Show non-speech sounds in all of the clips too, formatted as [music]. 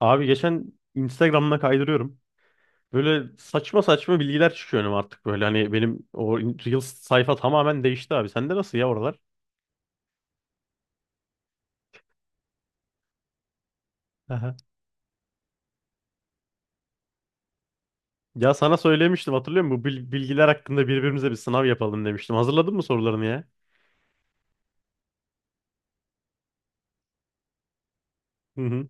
Abi geçen Instagram'ına kaydırıyorum. Böyle saçma saçma bilgiler çıkıyor önüme artık böyle. Hani benim o Reels sayfa tamamen değişti abi. Sende nasıl ya oralar? Aha. Ya sana söylemiştim hatırlıyor musun? Bu bilgiler hakkında birbirimize bir sınav yapalım demiştim. Hazırladın mı sorularını ya? Hı hı.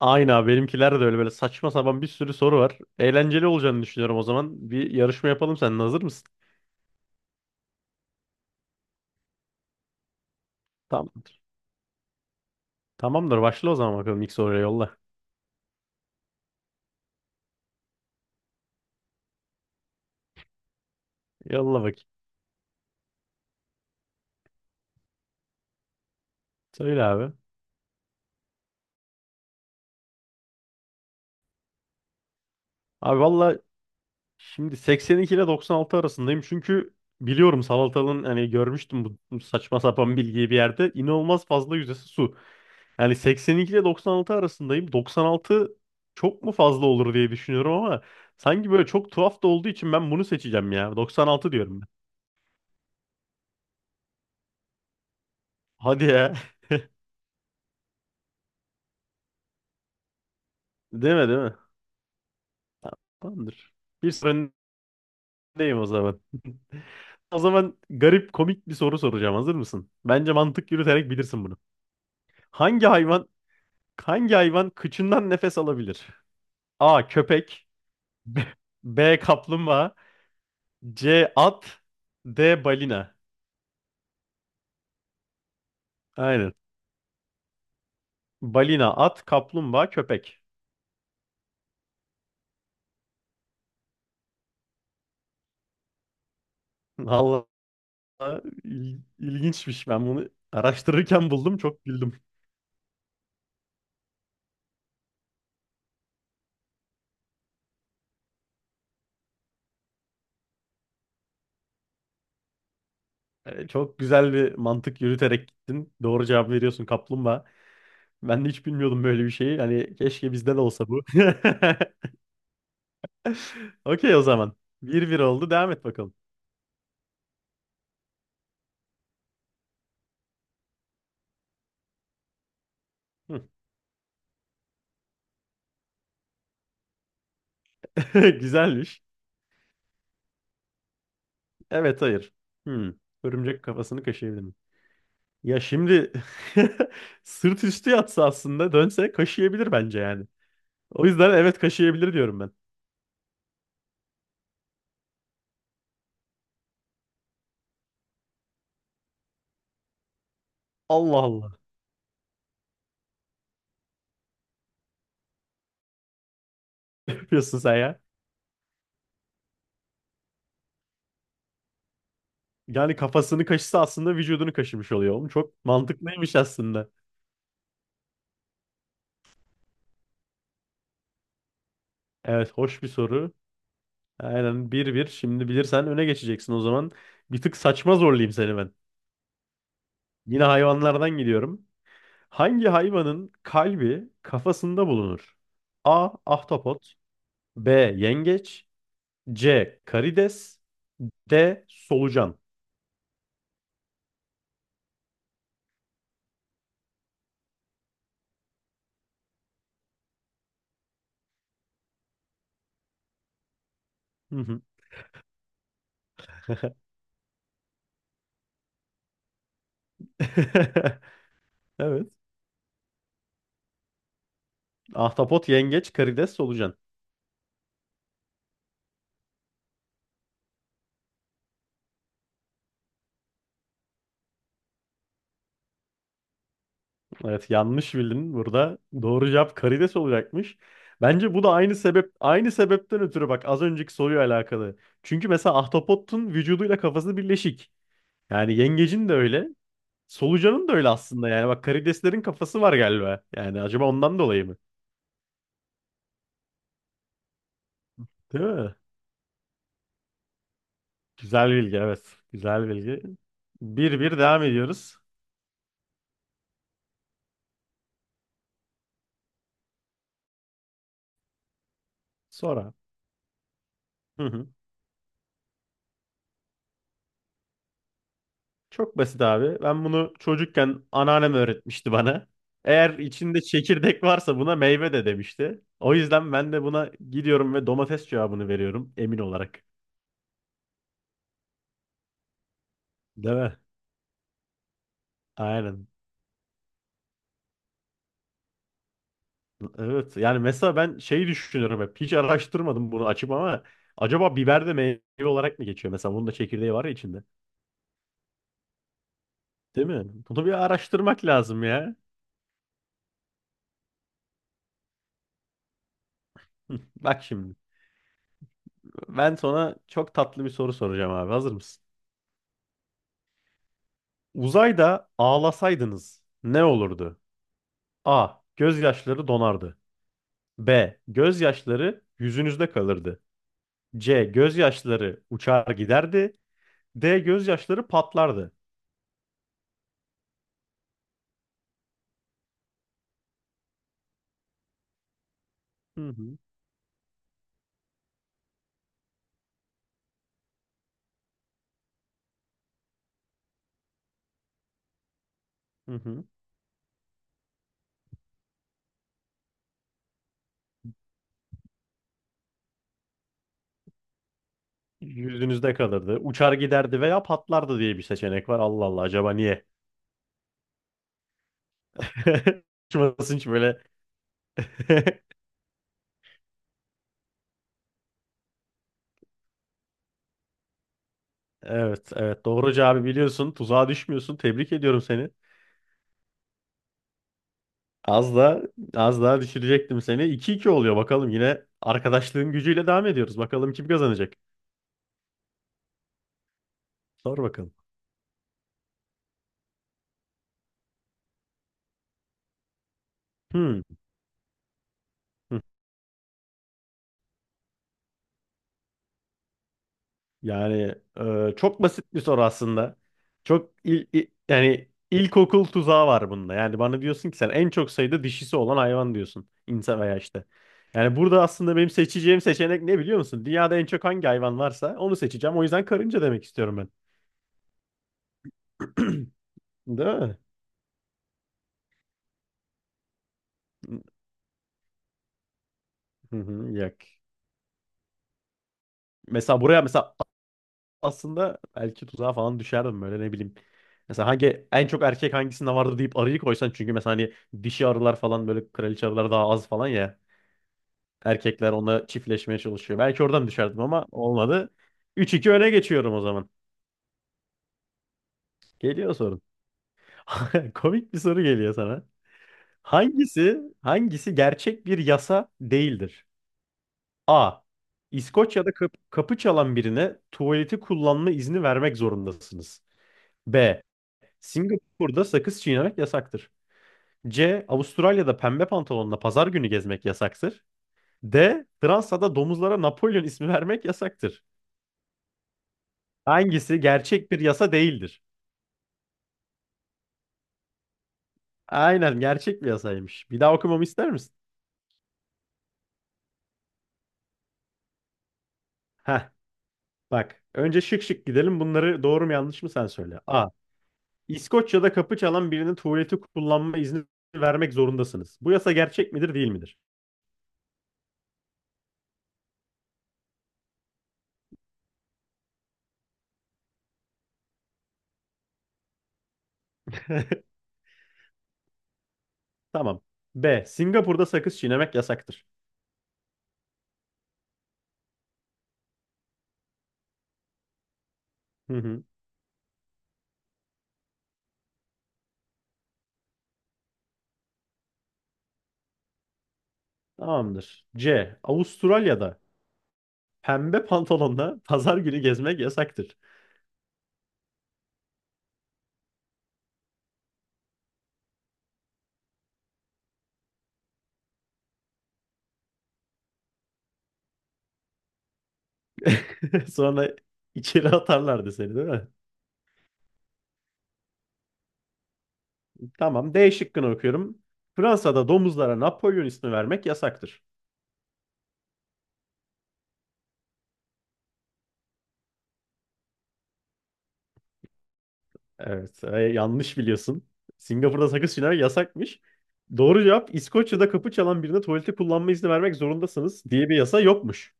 Aynı abi benimkiler de öyle böyle saçma sapan bir sürü soru var. Eğlenceli olacağını düşünüyorum o zaman. Bir yarışma yapalım seninle, hazır mısın? Tamamdır. Tamamdır, başla o zaman bakalım, ilk soruya yolla. Yolla bakayım. Söyle abi. Abi valla, şimdi 82 ile 96 arasındayım çünkü biliyorum salatalığın, hani görmüştüm bu saçma sapan bilgiyi bir yerde. İnanılmaz fazla yüzdesi su. Yani 82 ile 96 arasındayım. 96 çok mu fazla olur diye düşünüyorum ama sanki böyle çok tuhaf da olduğu için ben bunu seçeceğim ya. 96 diyorum ben. Hadi ya. [laughs] Değil mi, değil mi? Tamamdır. Bir sorun, öndeyim o zaman. O zaman garip komik bir soru soracağım. Hazır mısın? Bence mantık yürüterek bilirsin bunu. Hangi hayvan Hangi hayvan kıçından nefes alabilir? A. Köpek. B. Kaplumbağa. C. At. D. Balina. Aynen. Balina, at, kaplumbağa, köpek. [laughs] Vallahi, ilginçmiş. Ben bunu araştırırken buldum. Çok güldüm. Çok güzel bir mantık yürüterek gittin. Doğru cevap veriyorsun, kaplumbağa. Ben de hiç bilmiyordum böyle bir şeyi. Hani keşke bizde de olsa bu. [laughs] Okey o zaman. Bir bir oldu. Devam et bakalım. Hı. [laughs] Güzelmiş. Evet, hayır. Hmm. Örümcek kafasını kaşıyabilir mi? Ya şimdi [laughs] sırt üstü yatsa aslında dönse kaşıyabilir bence yani. O yüzden evet, kaşıyabilir diyorum ben. Allah Allah. [laughs] Ne yapıyorsun sen ya? Yani kafasını kaşısa aslında vücudunu kaşımış oluyor. Oğlum çok mantıklıymış aslında. Evet, hoş bir soru. Aynen, bir bir. Şimdi bilirsen öne geçeceksin o zaman. Bir tık saçma zorlayayım seni ben. Yine hayvanlardan gidiyorum. Hangi hayvanın kalbi kafasında bulunur? A. Ahtapot. B. Yengeç. C. Karides. D. Solucan. Hı hı. [laughs] Evet. Ahtapot, yengeç, karides, solucan. Evet, yanlış bildin. Burada doğru cevap karides olacakmış. Bence bu da aynı sebep, aynı sebepten ötürü, bak az önceki soruyla alakalı. Çünkü mesela ahtapotun vücuduyla kafası birleşik. Yani yengecin de öyle. Solucanın da öyle aslında yani. Bak karideslerin kafası var galiba. Yani acaba ondan dolayı mı? Değil mi? Güzel bilgi, evet. Güzel bilgi. Bir bir devam ediyoruz. Sonra. Hı hı. Çok basit abi. Ben bunu çocukken anneannem öğretmişti bana. Eğer içinde çekirdek varsa buna meyve de demişti. O yüzden ben de buna gidiyorum ve domates cevabını veriyorum emin olarak. Değil mi? Aynen. Evet. Yani mesela ben şeyi düşünüyorum hep. Hiç araştırmadım bunu açıp ama acaba biber de meyve olarak mı geçiyor? Mesela bunun da çekirdeği var ya içinde. Değil mi? Bunu bir araştırmak lazım ya. [laughs] Bak şimdi. Ben sana çok tatlı bir soru soracağım abi. Hazır mısın? Uzayda ağlasaydınız ne olurdu? A. Gözyaşları donardı. B. Gözyaşları yüzünüzde kalırdı. C. Gözyaşları uçar giderdi. D. Gözyaşları patlardı. Hı hı. Hı hı. Yüzünüzde kalırdı. Uçar giderdi veya patlardı diye bir seçenek var. Allah Allah, acaba niye? [laughs] Uçmasın hiç böyle. [laughs] Evet, evet. Doğru cevabı biliyorsun. Tuzağa düşmüyorsun. Tebrik ediyorum seni. Az daha az daha düşürecektim seni. İki iki oluyor bakalım. Yine arkadaşlığın gücüyle devam ediyoruz. Bakalım kim kazanacak? Sor bakalım. Hmm. Hmm. Yani çok basit bir soru aslında. Çok yani ilkokul tuzağı var bunda. Yani bana diyorsun ki sen en çok sayıda dişisi olan hayvan diyorsun. İnsan veya işte. Yani burada aslında benim seçeceğim seçenek ne biliyor musun? Dünyada en çok hangi hayvan varsa onu seçeceğim. O yüzden karınca demek istiyorum ben. [clears throat] Değil mi? Hı hı, yok. Mesela buraya aslında belki tuzağa falan düşerdim böyle, ne bileyim. Mesela hangi en çok erkek hangisinde vardı deyip arıyı koysan çünkü mesela hani dişi arılar falan böyle kraliçe arılar daha az falan ya. Erkekler onunla çiftleşmeye çalışıyor. Belki oradan düşerdim ama olmadı. Üç iki öne geçiyorum o zaman. Geliyor sorun. [laughs] Komik bir soru geliyor sana. Hangisi gerçek bir yasa değildir? A. İskoçya'da kapı çalan birine tuvaleti kullanma izni vermek zorundasınız. B. Singapur'da sakız çiğnemek yasaktır. C. Avustralya'da pembe pantolonla pazar günü gezmek yasaktır. D. Fransa'da domuzlara Napolyon ismi vermek yasaktır. Hangisi gerçek bir yasa değildir? Aynen, gerçek bir yasaymış. Bir daha okumamı ister misin? Heh, bak. Önce şık şık gidelim. Bunları doğru mu yanlış mı sen söyle. A. İskoçya'da kapı çalan birinin tuvaleti kullanma izni vermek zorundasınız. Bu yasa gerçek midir değil midir? [laughs] Tamam. B. Singapur'da sakız çiğnemek yasaktır. Hı hı. Tamamdır. C. Avustralya'da pembe pantolonla pazar günü gezmek yasaktır. [laughs] Sonra içeri atarlardı seni değil mi? Tamam. D şıkkını okuyorum. Fransa'da domuzlara Napolyon ismi vermek yasaktır. Evet. Yanlış biliyorsun. Singapur'da sakız çiğnemek yasakmış. Doğru cevap, İskoçya'da kapı çalan birine tuvalete kullanma izni vermek zorundasınız diye bir yasa yokmuş.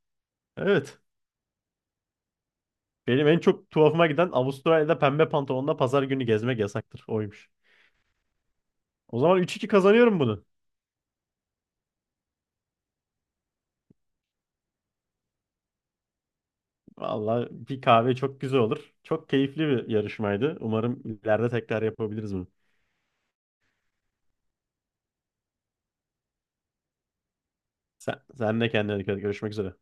Evet. Benim en çok tuhafıma giden Avustralya'da pembe pantolonla pazar günü gezmek yasaktır. Oymuş. O zaman üç iki kazanıyorum bunu. Vallahi bir kahve çok güzel olur. Çok keyifli bir yarışmaydı. Umarım ileride tekrar yapabiliriz bunu. Sen de kendine dikkat et. Görüşmek üzere.